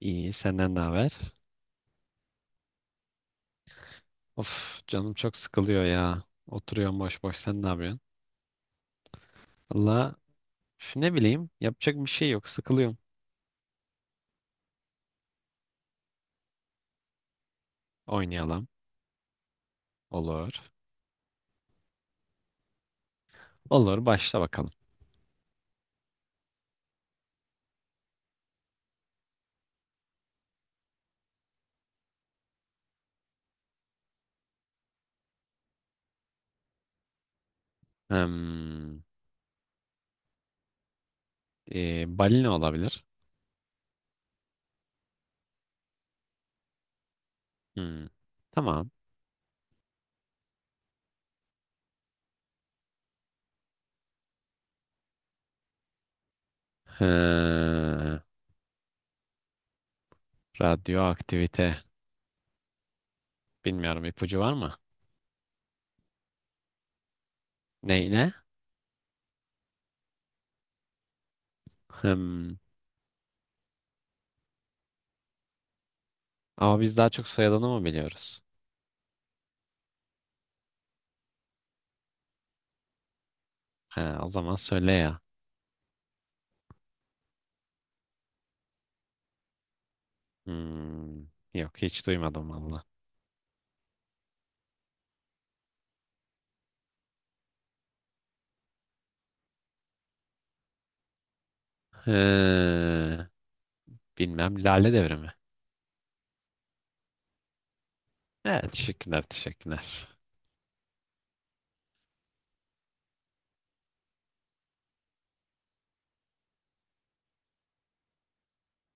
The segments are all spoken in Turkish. İyi, senden ne haber? Of, canım çok sıkılıyor ya. Oturuyorum boş boş. Sen ne yapıyorsun? Valla ne bileyim, yapacak bir şey yok. Sıkılıyorum. Oynayalım. Olur. Olur, başla bakalım. Hmm, balina olabilir. Hmm, tamam. Ee, radyoaktivite. Bilmiyorum, ipucu var mı? Ne ne? Hmm, ama biz daha çok soyadını mı biliyoruz? Ha, o zaman söyle ya. Hmm, yok, hiç duymadım valla. He. Bilmem, Lale Devrimi. Evet, teşekkürler, teşekkürler.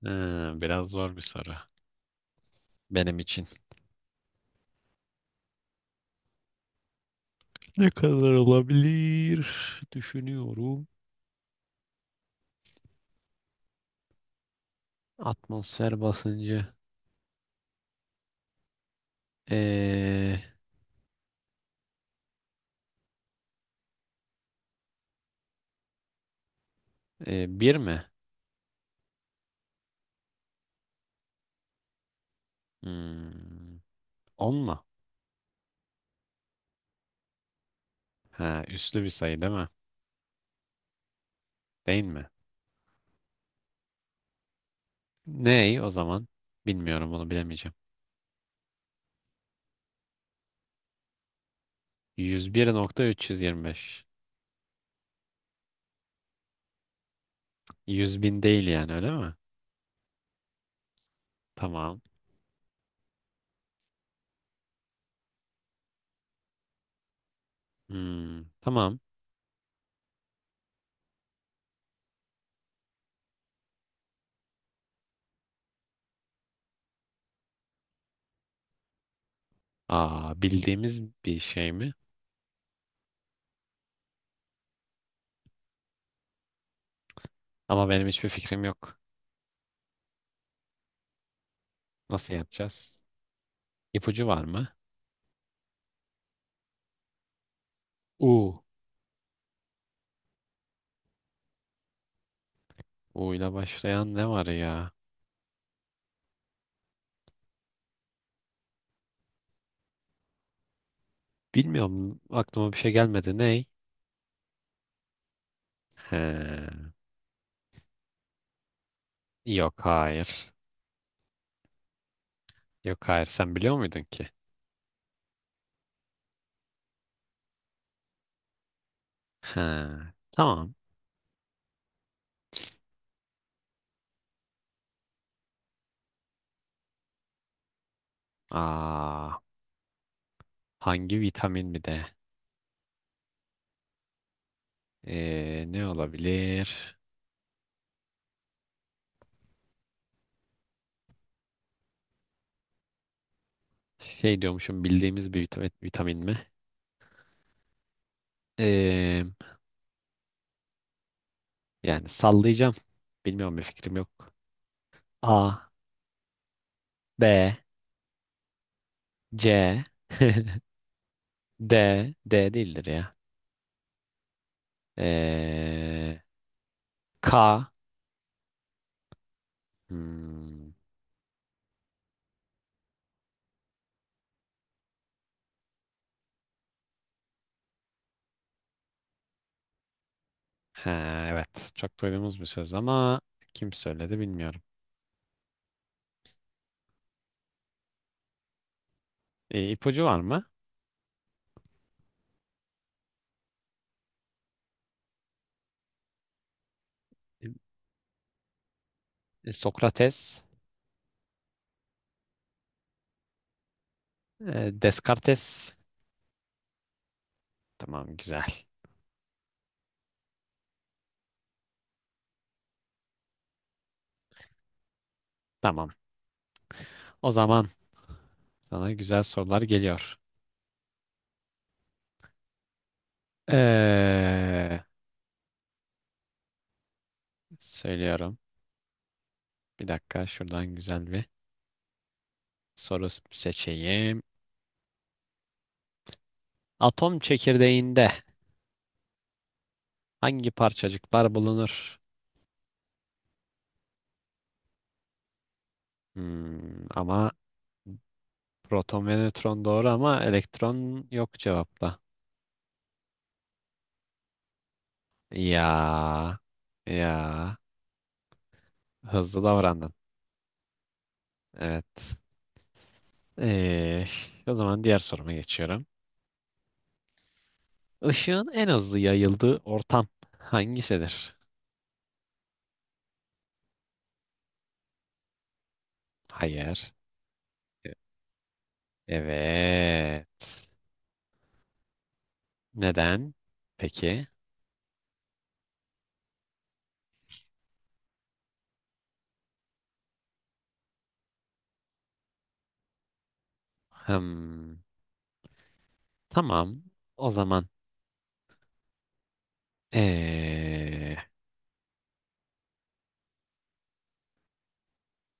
Ha, biraz zor bir soru. Benim için. Ne kadar olabilir? Düşünüyorum. Atmosfer basıncı. Ee, bir mi? Hmm, on mu? Ha, üslü bir sayı değil mi? Değil mi? Ney o zaman? Bilmiyorum, onu bilemeyeceğim. 101.325. 100 bin değil yani, öyle mi? Tamam. Hmm, tamam. Aa, bildiğimiz bir şey mi? Ama benim hiçbir fikrim yok. Nasıl yapacağız? İpucu var mı? U. U ile başlayan ne var ya? Bilmiyorum. Aklıma bir şey gelmedi. Ney? He. Yok, hayır. Yok, hayır. Sen biliyor muydun ki? He. Tamam. Aa, hangi vitamin bir de? Ne olabilir? Şey diyormuşum, bildiğimiz bir vitamin, vitamin mi? Ee, yani sallayacağım. Bilmiyorum, bir fikrim yok. A, B, C. D. D değildir ya. Ee, K. Hmm. Ha, evet. Çok duyduğumuz bir söz ama kim söyledi bilmiyorum. İpucu var mı? E, Sokrates. E, Descartes. Tamam, güzel. Tamam. O zaman sana güzel sorular geliyor. Ee, söylüyorum. Bir dakika, şuradan güzel bir soru seçeyim. Atom çekirdeğinde hangi parçacıklar bulunur? Hmm, ama proton ve nötron doğru, ama elektron yok cevapta. Ya ya, hızlı davrandın. Evet. Ee, o zaman diğer soruma geçiyorum. Işığın en hızlı yayıldığı ortam hangisidir? Hayır. E- Evet. Neden? Peki. Hmm, tamam. O zaman ee,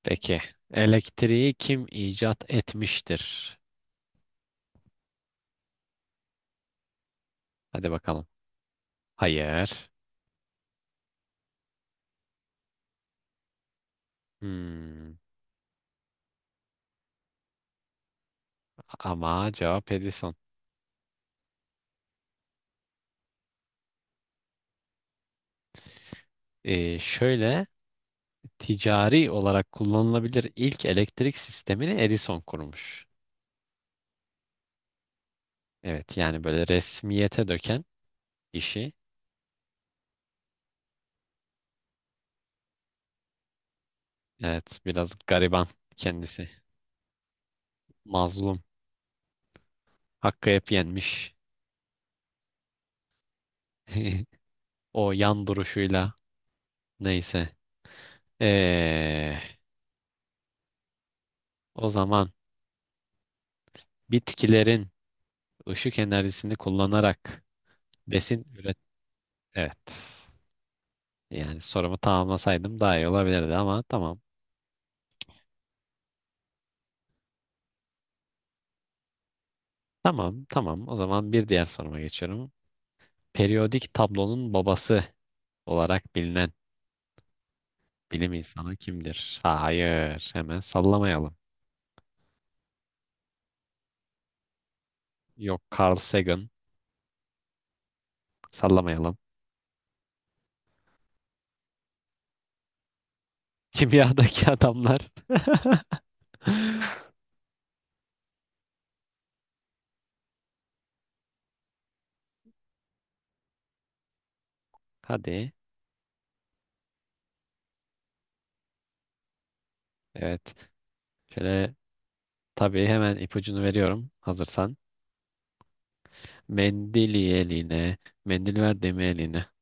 peki. Elektriği kim icat etmiştir? Hadi bakalım. Hayır. Hmm. Ama cevap Edison. Şöyle, ticari olarak kullanılabilir ilk elektrik sistemini Edison kurmuş. Evet, yani böyle resmiyete döken işi. Evet, biraz gariban kendisi. Mazlum. Hakkı hep yenmiş. O yan duruşuyla, neyse. Ee, o zaman bitkilerin ışık enerjisini kullanarak besin üret... Evet. Yani sorumu tamamlasaydım daha iyi olabilirdi ama tamam. Tamam, tamam. O zaman bir diğer soruma geçiyorum. Periyodik tablonun babası olarak bilinen bilim insanı kimdir? Hayır, hemen sallamayalım. Yok, Carl Sagan, sallamayalım. Kimyadaki adamlar. Hadi, evet. Şöyle, tabii hemen ipucunu veriyorum. Hazırsan. Mendili eline, mendil ver deme eline.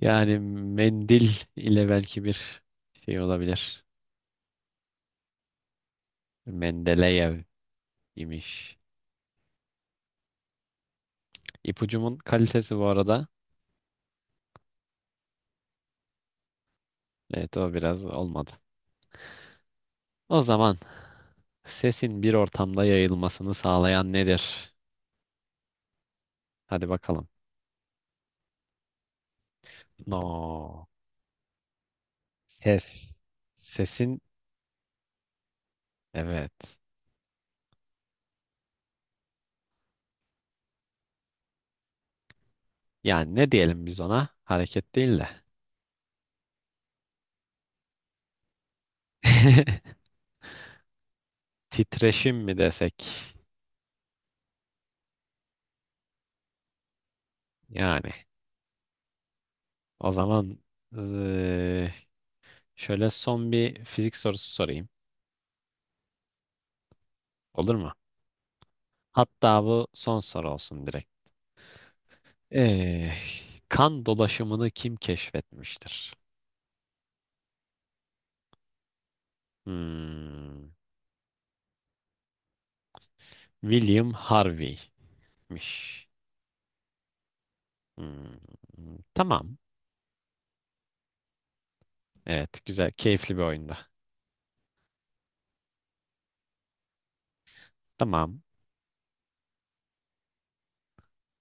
Yani mendil ile belki bir şey olabilir. Mendeleyev. İmiş. İpucumun kalitesi bu arada. Evet, o biraz olmadı. O zaman sesin bir ortamda yayılmasını sağlayan nedir? Hadi bakalım. No. Ses. Sesin, evet. Yani ne diyelim biz ona? Hareket değil de. Titreşim mi desek? Yani, o zaman eee, şöyle son bir fizik sorusu sorayım. Olur mu? Hatta bu son soru olsun direkt. Eh, kan dolaşımını kim keşfetmiştir? Hmm, William Harvey'miş. Hmm, tamam. Evet, güzel, keyifli bir oyunda. Tamam.